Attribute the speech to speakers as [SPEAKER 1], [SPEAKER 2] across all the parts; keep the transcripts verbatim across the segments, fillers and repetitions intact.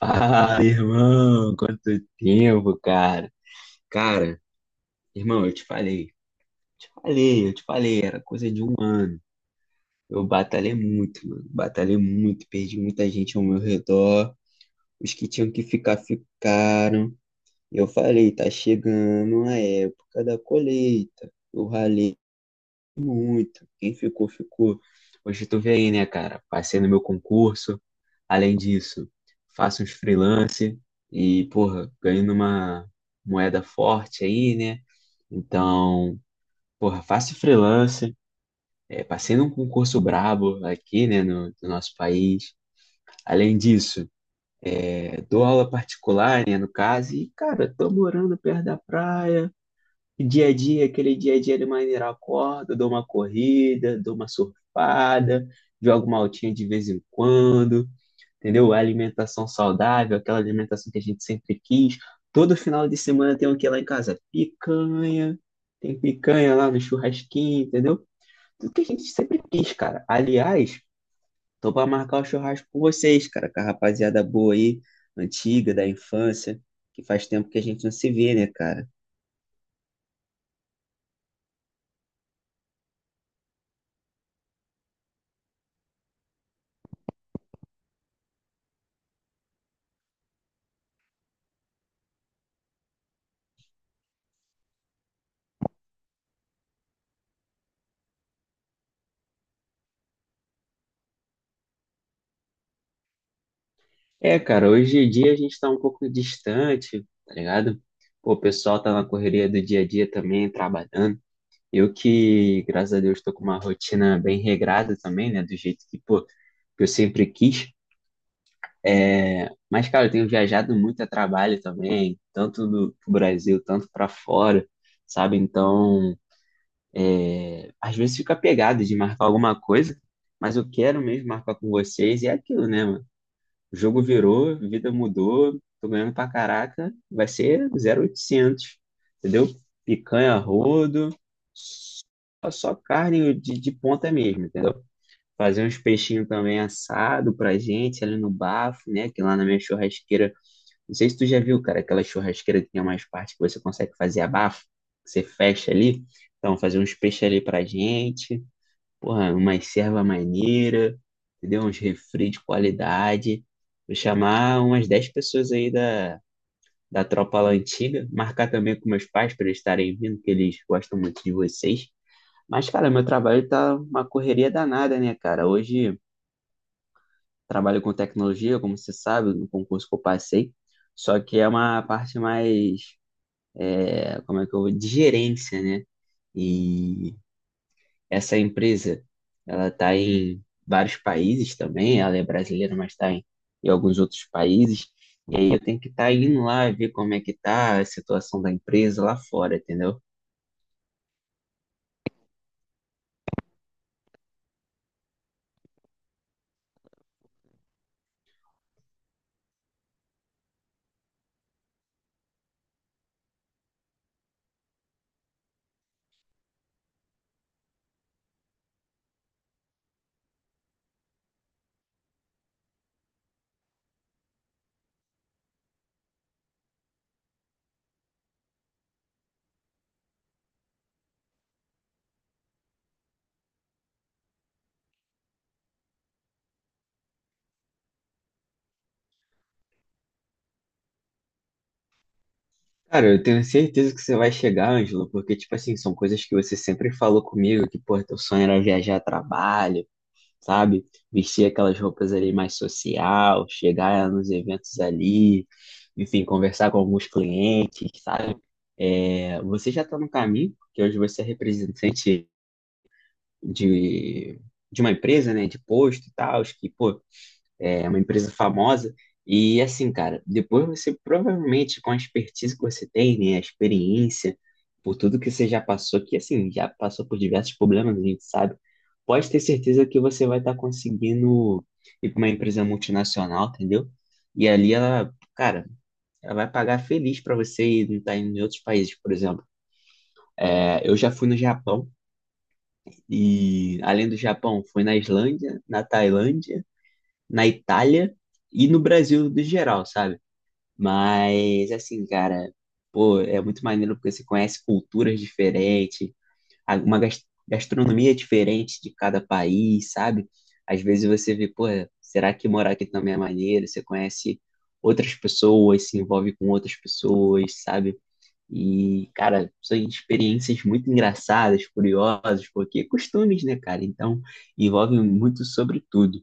[SPEAKER 1] Ah, irmão, quanto tempo, cara. Cara, irmão, eu te falei, te falei, eu te falei, era coisa de um ano. Eu batalhei muito, mano, batalhei muito, perdi muita gente ao meu redor. Os que tinham que ficar, ficaram. Eu falei, tá chegando a época da colheita. Eu ralei muito, quem ficou, ficou. Hoje tu vê aí, né, cara? Passei no meu concurso. Além disso, faço uns freelance e, porra, ganho numa moeda forte aí, né? Então, porra, faço freelance, é, passei num concurso brabo aqui, né, no, no nosso país. Além disso, é, dou aula particular, né, no caso, e, cara, tô morando perto da praia, dia a dia, aquele dia a dia de maneira eu acordo, dou uma corrida, dou uma surfada, jogo uma altinha de vez em quando, entendeu? A alimentação saudável, aquela alimentação que a gente sempre quis. Todo final de semana tem o que lá em casa? Picanha, tem picanha lá no churrasquinho, entendeu? Tudo que a gente sempre quis, cara. Aliás, tô pra marcar o churrasco com vocês, cara, com a rapaziada boa aí, antiga, da infância, que faz tempo que a gente não se vê, né, cara? É, cara, hoje em dia a gente tá um pouco distante, tá ligado? Pô, o pessoal tá na correria do dia a dia também, trabalhando. Eu que, graças a Deus, estou com uma rotina bem regrada também, né? Do jeito que, pô, que eu sempre quis. Mas, cara, eu tenho viajado muito a trabalho também, tanto do pro Brasil, tanto para fora, sabe? Então, às vezes fica pegado de marcar alguma coisa, mas eu quero mesmo marcar com vocês e é aquilo, né, mano? O jogo virou, a vida mudou, tô ganhando pra caraca, vai ser zero oitocentos, entendeu? Picanha, a rodo, só, só carne de, de ponta mesmo, entendeu? Fazer uns peixinhos também assado pra gente ali no bafo, né? Que lá na minha churrasqueira, não sei se tu já viu, cara, aquela churrasqueira que tem umas partes que você consegue fazer abafo, que você fecha ali. Então, fazer uns peixes ali pra gente, porra, uma serva maneira, entendeu? Uns refri de qualidade. Vou chamar umas dez pessoas aí da, da tropa lá antiga, marcar também com meus pais para eles estarem vindo, que eles gostam muito de vocês. Mas, cara, meu trabalho tá uma correria danada, né, cara? Hoje trabalho com tecnologia, como você sabe, no concurso que eu passei, só que é uma parte mais, é, como é que eu vou, de gerência, né? E essa empresa, ela está em vários países também, ela é brasileira, mas está em, em alguns outros países, e aí eu tenho que estar indo lá ver como é que tá a situação da empresa lá fora, entendeu? Cara, eu tenho certeza que você vai chegar, Ângelo, porque, tipo assim, são coisas que você sempre falou comigo, que, pô, teu sonho era viajar a trabalho, sabe? Vestir aquelas roupas ali mais social, chegar nos eventos ali, enfim, conversar com alguns clientes, sabe? É, você já está no caminho, porque hoje você é representante de, de uma empresa, né, de posto e tal, que, pô, é uma empresa famosa. E assim, cara, depois você provavelmente, com a expertise que você tem, né, a experiência, por tudo que você já passou, que assim, já passou por diversos problemas, a gente sabe, pode ter certeza que você vai estar conseguindo ir para uma empresa multinacional, entendeu? E ali ela, cara, ela vai pagar feliz para você e não tá indo em outros países, por exemplo. É, eu já fui no Japão e, além do Japão, fui na Islândia, na Tailândia, na Itália e no Brasil no geral, sabe? Mas, assim, cara, pô, é muito maneiro porque você conhece culturas diferentes, a- uma gas- gastronomia diferente de cada país, sabe? Às vezes você vê, pô, será que morar aqui também é maneiro? Você conhece outras pessoas, se envolve com outras pessoas, sabe? E, cara, são experiências muito engraçadas, curiosas, porque é costumes, né, cara? Então, envolve muito sobre tudo.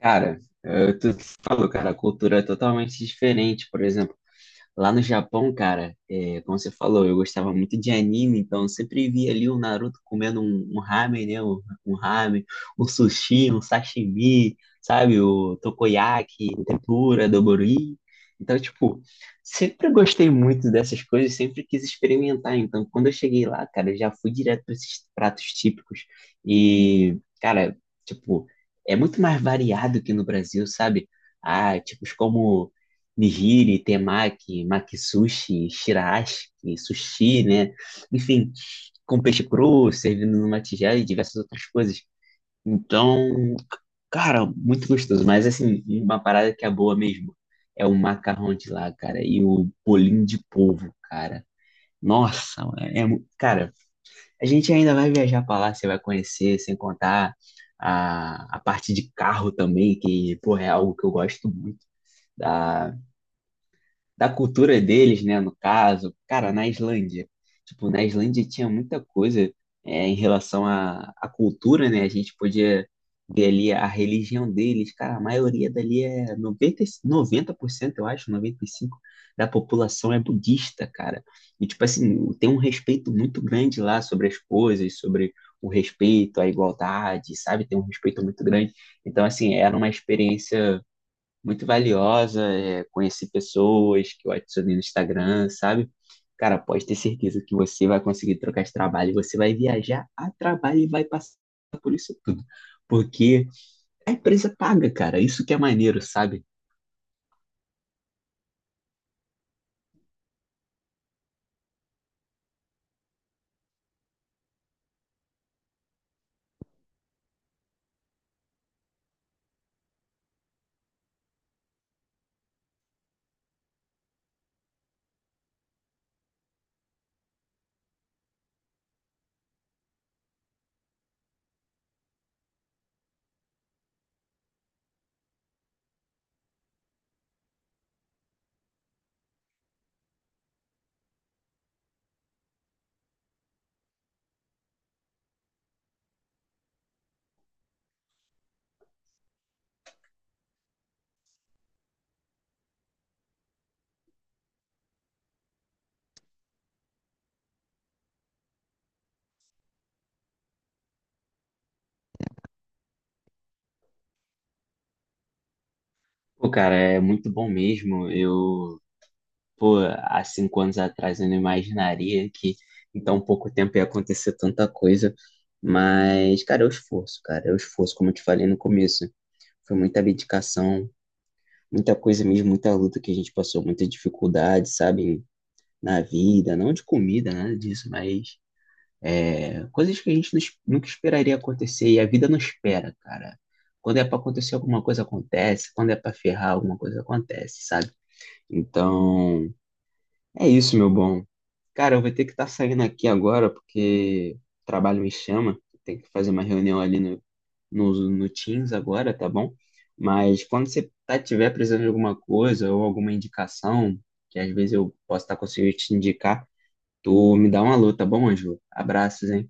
[SPEAKER 1] Cara, eh, tu falou, cara, a cultura é totalmente diferente, por exemplo. Lá no Japão, cara, é, como você falou, eu gostava muito de anime, então eu sempre via ali o Naruto comendo um, um ramen, né? Um, um ramen, um sushi, um sashimi, sabe? O takoyaki, o tempura, dobori. Então, tipo, sempre gostei muito dessas coisas, sempre quis experimentar. Então, quando eu cheguei lá, cara, eu já fui direto para esses pratos típicos. E, cara, tipo, é muito mais variado que no Brasil, sabe? Ah, tipos como nigiri, temaki, makisushi, shiraashi, sushi, né? Enfim, com peixe cru, servindo numa tigela e diversas outras coisas. Então, cara, muito gostoso. Mas, assim, uma parada que é boa mesmo é o macarrão de lá, cara, e o bolinho de polvo, cara. Nossa, é, mu- cara, a gente ainda vai viajar pra lá, você vai conhecer, sem contar a, a parte de carro também, que, porra, é algo que eu gosto muito. Da, da cultura deles, né, no caso. Cara, na Islândia, tipo, na Islândia tinha muita coisa é, em relação à, à cultura, né? A gente podia ver ali a religião deles. Cara, a maioria dali é noventa, noventa por cento, eu acho, noventa e cinco por cento da população é budista, cara. E, tipo assim, tem um respeito muito grande lá sobre as coisas, sobre o respeito, a igualdade, sabe? Tem um respeito muito grande. Então, assim, era uma experiência muito valiosa, é, conheci pessoas que eu adicionei no Instagram, sabe? Cara, pode ter certeza que você vai conseguir trocar de trabalho, você vai viajar a trabalho e vai passar por isso tudo. Porque a empresa paga, cara, isso que é maneiro, sabe? Pô, cara, é muito bom mesmo. Eu, pô, há cinco anos atrás eu não imaginaria que em tão pouco tempo ia acontecer tanta coisa. Mas, cara, é o esforço, cara, é o esforço, como eu te falei no começo. Foi muita dedicação, muita coisa mesmo, muita luta que a gente passou, muita dificuldade, sabe, na vida, não de comida, nada disso, mas é, coisas que a gente não es- nunca esperaria acontecer e a vida não espera, cara. Quando é pra acontecer alguma coisa acontece, quando é pra ferrar alguma coisa acontece, sabe? Então, é isso, meu bom. Cara, eu vou ter que estar saindo aqui agora porque o trabalho me chama, tem que fazer uma reunião ali no no, no Teams agora, tá bom? Mas quando você tá, tiver precisando de alguma coisa ou alguma indicação, que às vezes eu posso estar conseguindo te indicar, tu me dá uma alô, tá bom, Ângelo? Abraços, hein?